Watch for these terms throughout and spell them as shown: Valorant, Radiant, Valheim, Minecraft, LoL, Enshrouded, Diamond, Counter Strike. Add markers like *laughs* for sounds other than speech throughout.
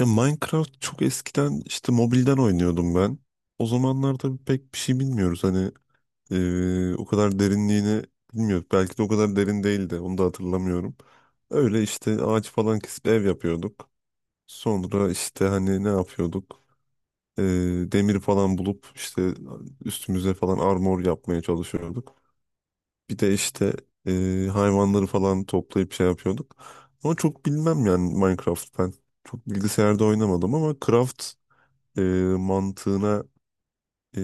Ya Minecraft çok eskiden işte mobilden oynuyordum ben. O zamanlar tabii pek bir şey bilmiyoruz. Hani o kadar derinliğini bilmiyoruz. Belki de o kadar derin değildi. Onu da hatırlamıyorum. Öyle işte ağaç falan kesip ev yapıyorduk. Sonra işte hani ne yapıyorduk? Demir falan bulup işte üstümüze falan armor yapmaya çalışıyorduk. Bir de işte hayvanları falan toplayıp şey yapıyorduk. Ama çok bilmem yani Minecraft ben. Çok bilgisayarda oynamadım ama Craft e, mantığına e,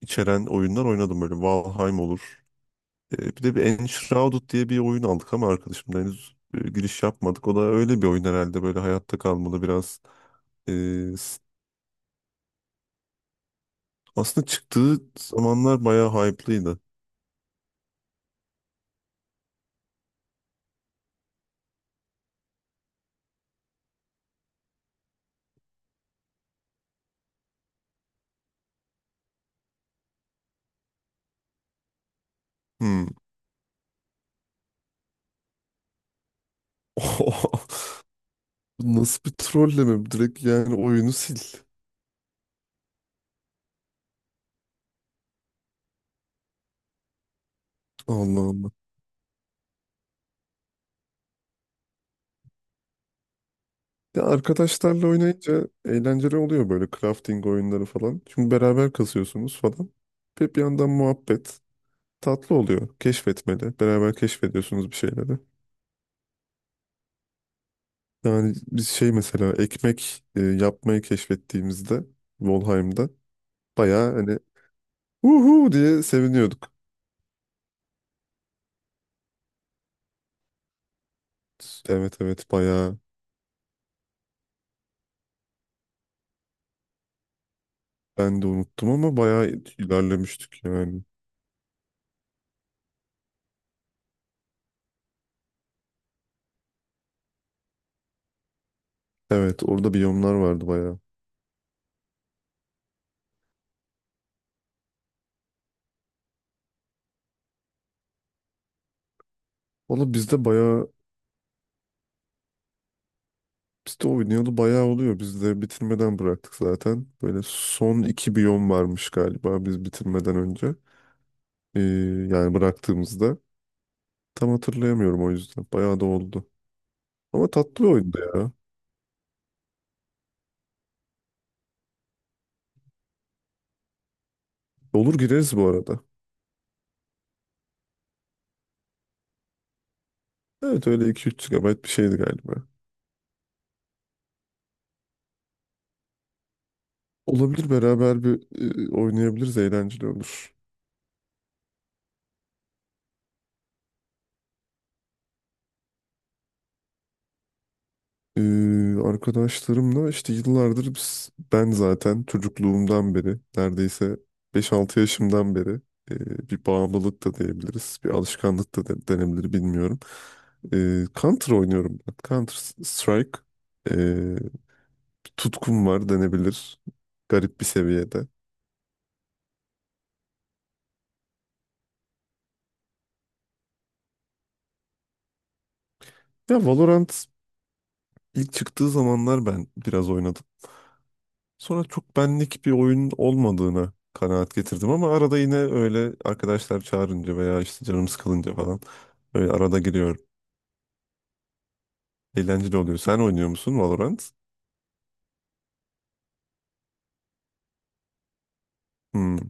içeren oyunlar oynadım böyle. Valheim olur. Bir de bir Enshrouded diye bir oyun aldık ama arkadaşımla henüz giriş yapmadık. O da öyle bir oyun herhalde, böyle hayatta kalmalı biraz. E, s- Aslında çıktığı zamanlar bayağı hype'lıydı. Hmm. *laughs* Nasıl bir trolleme? Direkt yani oyunu sil. Allah Allah. Ya arkadaşlarla oynayınca eğlenceli oluyor böyle crafting oyunları falan. Çünkü beraber kasıyorsunuz falan. Ve bir yandan muhabbet tatlı oluyor. Keşfetmeli. Beraber keşfediyorsunuz bir şeyleri. Yani biz şey mesela ekmek yapmayı keşfettiğimizde Volheim'da bayağı hani uhu diye seviniyorduk. Evet evet, bayağı. Ben de unuttum ama bayağı ilerlemiştik yani. Evet, orada biyomlar vardı bayağı. Valla bizde bayağı. Biz de oynayalı bayağı oluyor. Biz de bitirmeden bıraktık zaten. Böyle son iki biyom varmış galiba biz bitirmeden önce. Ee, Yani bıraktığımızda. Tam hatırlayamıyorum o yüzden. Bayağı da oldu. Ama tatlı bir oyundu ya. Olur, gireriz bu arada. Evet öyle iki üç 3 GB bir şeydi galiba. Olabilir, beraber bir oynayabiliriz. Eğlenceli olur. Arkadaşlarımla işte yıllardır ben zaten çocukluğumdan beri neredeyse beş altı yaşımdan beri bir bağımlılık da diyebiliriz. Bir alışkanlık da denebilir, bilmiyorum. Counter oynuyorum ben. Counter Strike. Ee, Bir tutkum var denebilir. Garip bir seviyede. Ya Valorant ilk çıktığı zamanlar ben biraz oynadım. Sonra çok benlik bir oyun olmadığını kanaat getirdim ama arada yine öyle arkadaşlar çağırınca veya işte canım sıkılınca falan öyle arada giriyorum. Eğlenceli oluyor. Sen oynuyor musun Valorant? Hmm,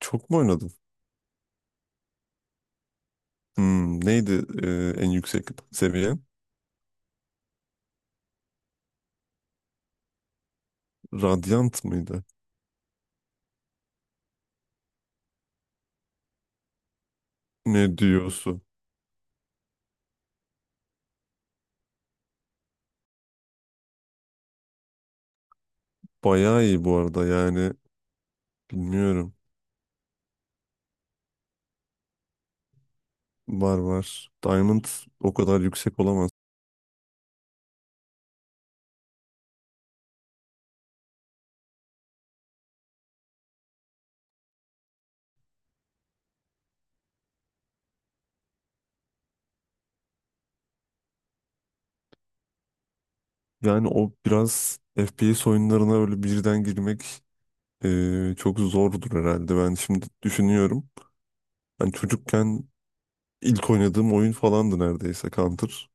çok mu oynadın? Hmm, neydi en yüksek seviyen? Radiant mıydı? Ne diyorsun? Bayağı iyi bu arada yani, bilmiyorum. Var var. Diamond o kadar yüksek olamaz. Yani o biraz FPS oyunlarına öyle birden girmek, çok zordur herhalde. Ben şimdi düşünüyorum. Ben çocukken ilk oynadığım oyun falandı neredeyse Counter.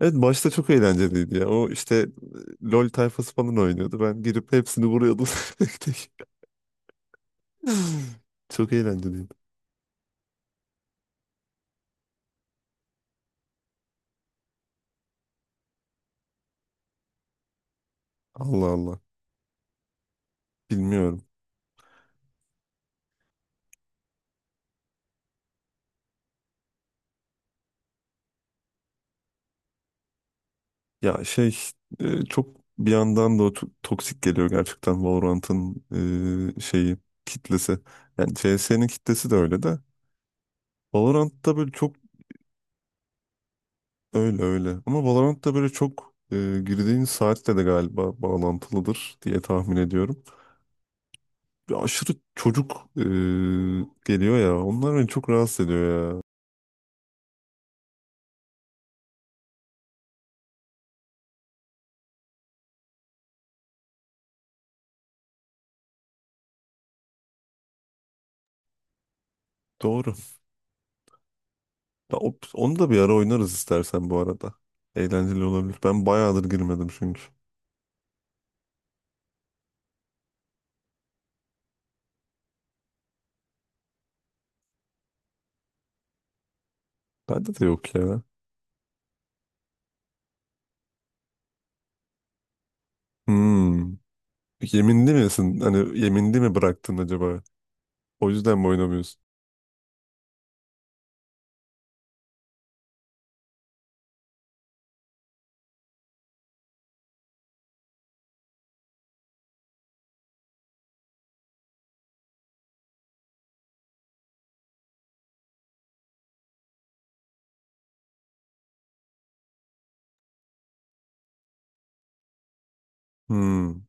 Evet, başta çok eğlenceliydi ya. O işte LoL tayfası falan oynuyordu. Ben girip hepsini vuruyordum *laughs* tek tek. Çok eğlenceliydi. Allah Allah. Bilmiyorum. Ya şey Çok bir yandan da o toksik geliyor gerçekten Valorant'ın şeyi, kitlesi. Yani CS'nin kitlesi de öyle de. Valorant'ta böyle çok öyle öyle. Ama Valorant da böyle çok girdiğin saatle de galiba bağlantılıdır diye tahmin ediyorum. Bir aşırı çocuk e, geliyor ya. Onlar beni çok rahatsız ediyor ya. Doğru. Ya, onu da bir ara oynarız istersen bu arada. Eğlenceli olabilir. Ben bayağıdır girmedim çünkü. Bende de yok ya. Hmm. Yeminli misin? Hani yeminli mi bıraktın acaba? O yüzden mi oynamıyorsun? Hmm.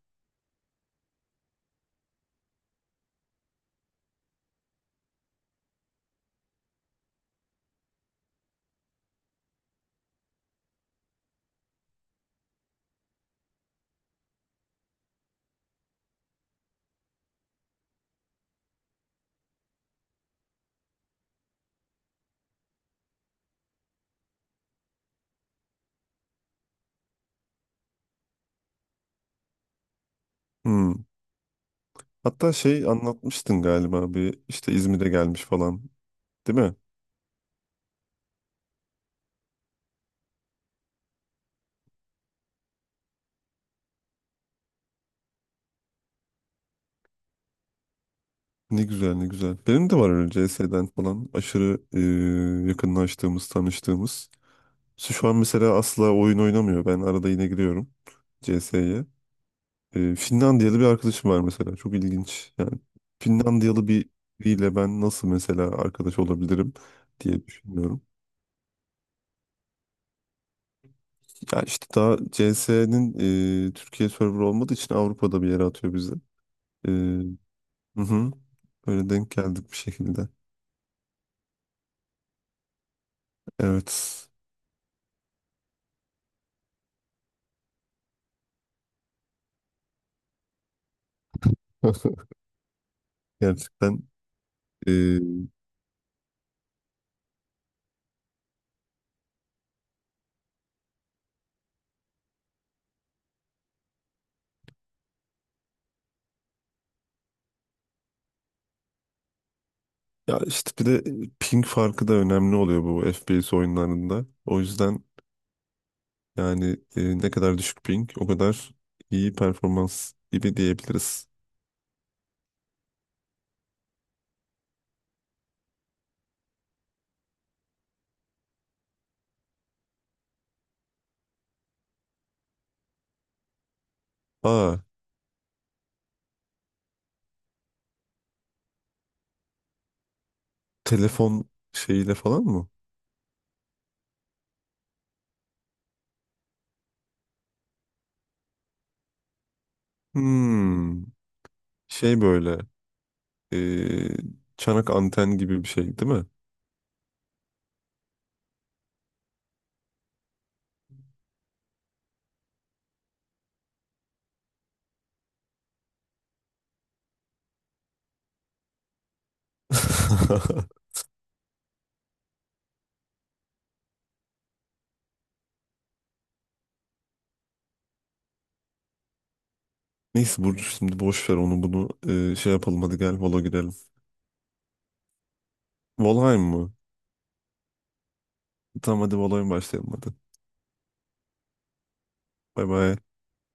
Hmm. Hatta şey anlatmıştın galiba, bir işte İzmir'e gelmiş falan. Değil mi? Ne güzel, ne güzel. Benim de var öyle CS'den falan aşırı yakınlaştığımız, tanıştığımız. Şu an mesela asla oyun oynamıyor. Ben arada yine giriyorum CS'ye. Finlandiyalı bir arkadaşım var mesela. Çok ilginç. Yani Finlandiyalı biriyle ben nasıl mesela arkadaş olabilirim diye düşünüyorum. Ya işte daha CS'nin Türkiye server olmadığı için Avrupa'da bir yere atıyor bizi. E, hı hı. Böyle denk geldik bir şekilde. Evet. *laughs* Gerçekten. Ee, ya işte bir de ping farkı da önemli oluyor bu FPS oyunlarında. O yüzden yani ne kadar düşük ping, o kadar iyi performans gibi diyebiliriz. Aa, telefon şeyiyle falan mı? Hmm, şey böyle e, çanak anten gibi bir şey değil mi? *laughs* Neyse Burcu, şimdi boş ver onu bunu, şey yapalım, hadi gel Valo girelim. Valheim mı? Tamam hadi Valheim başlayalım hadi. Bay bay.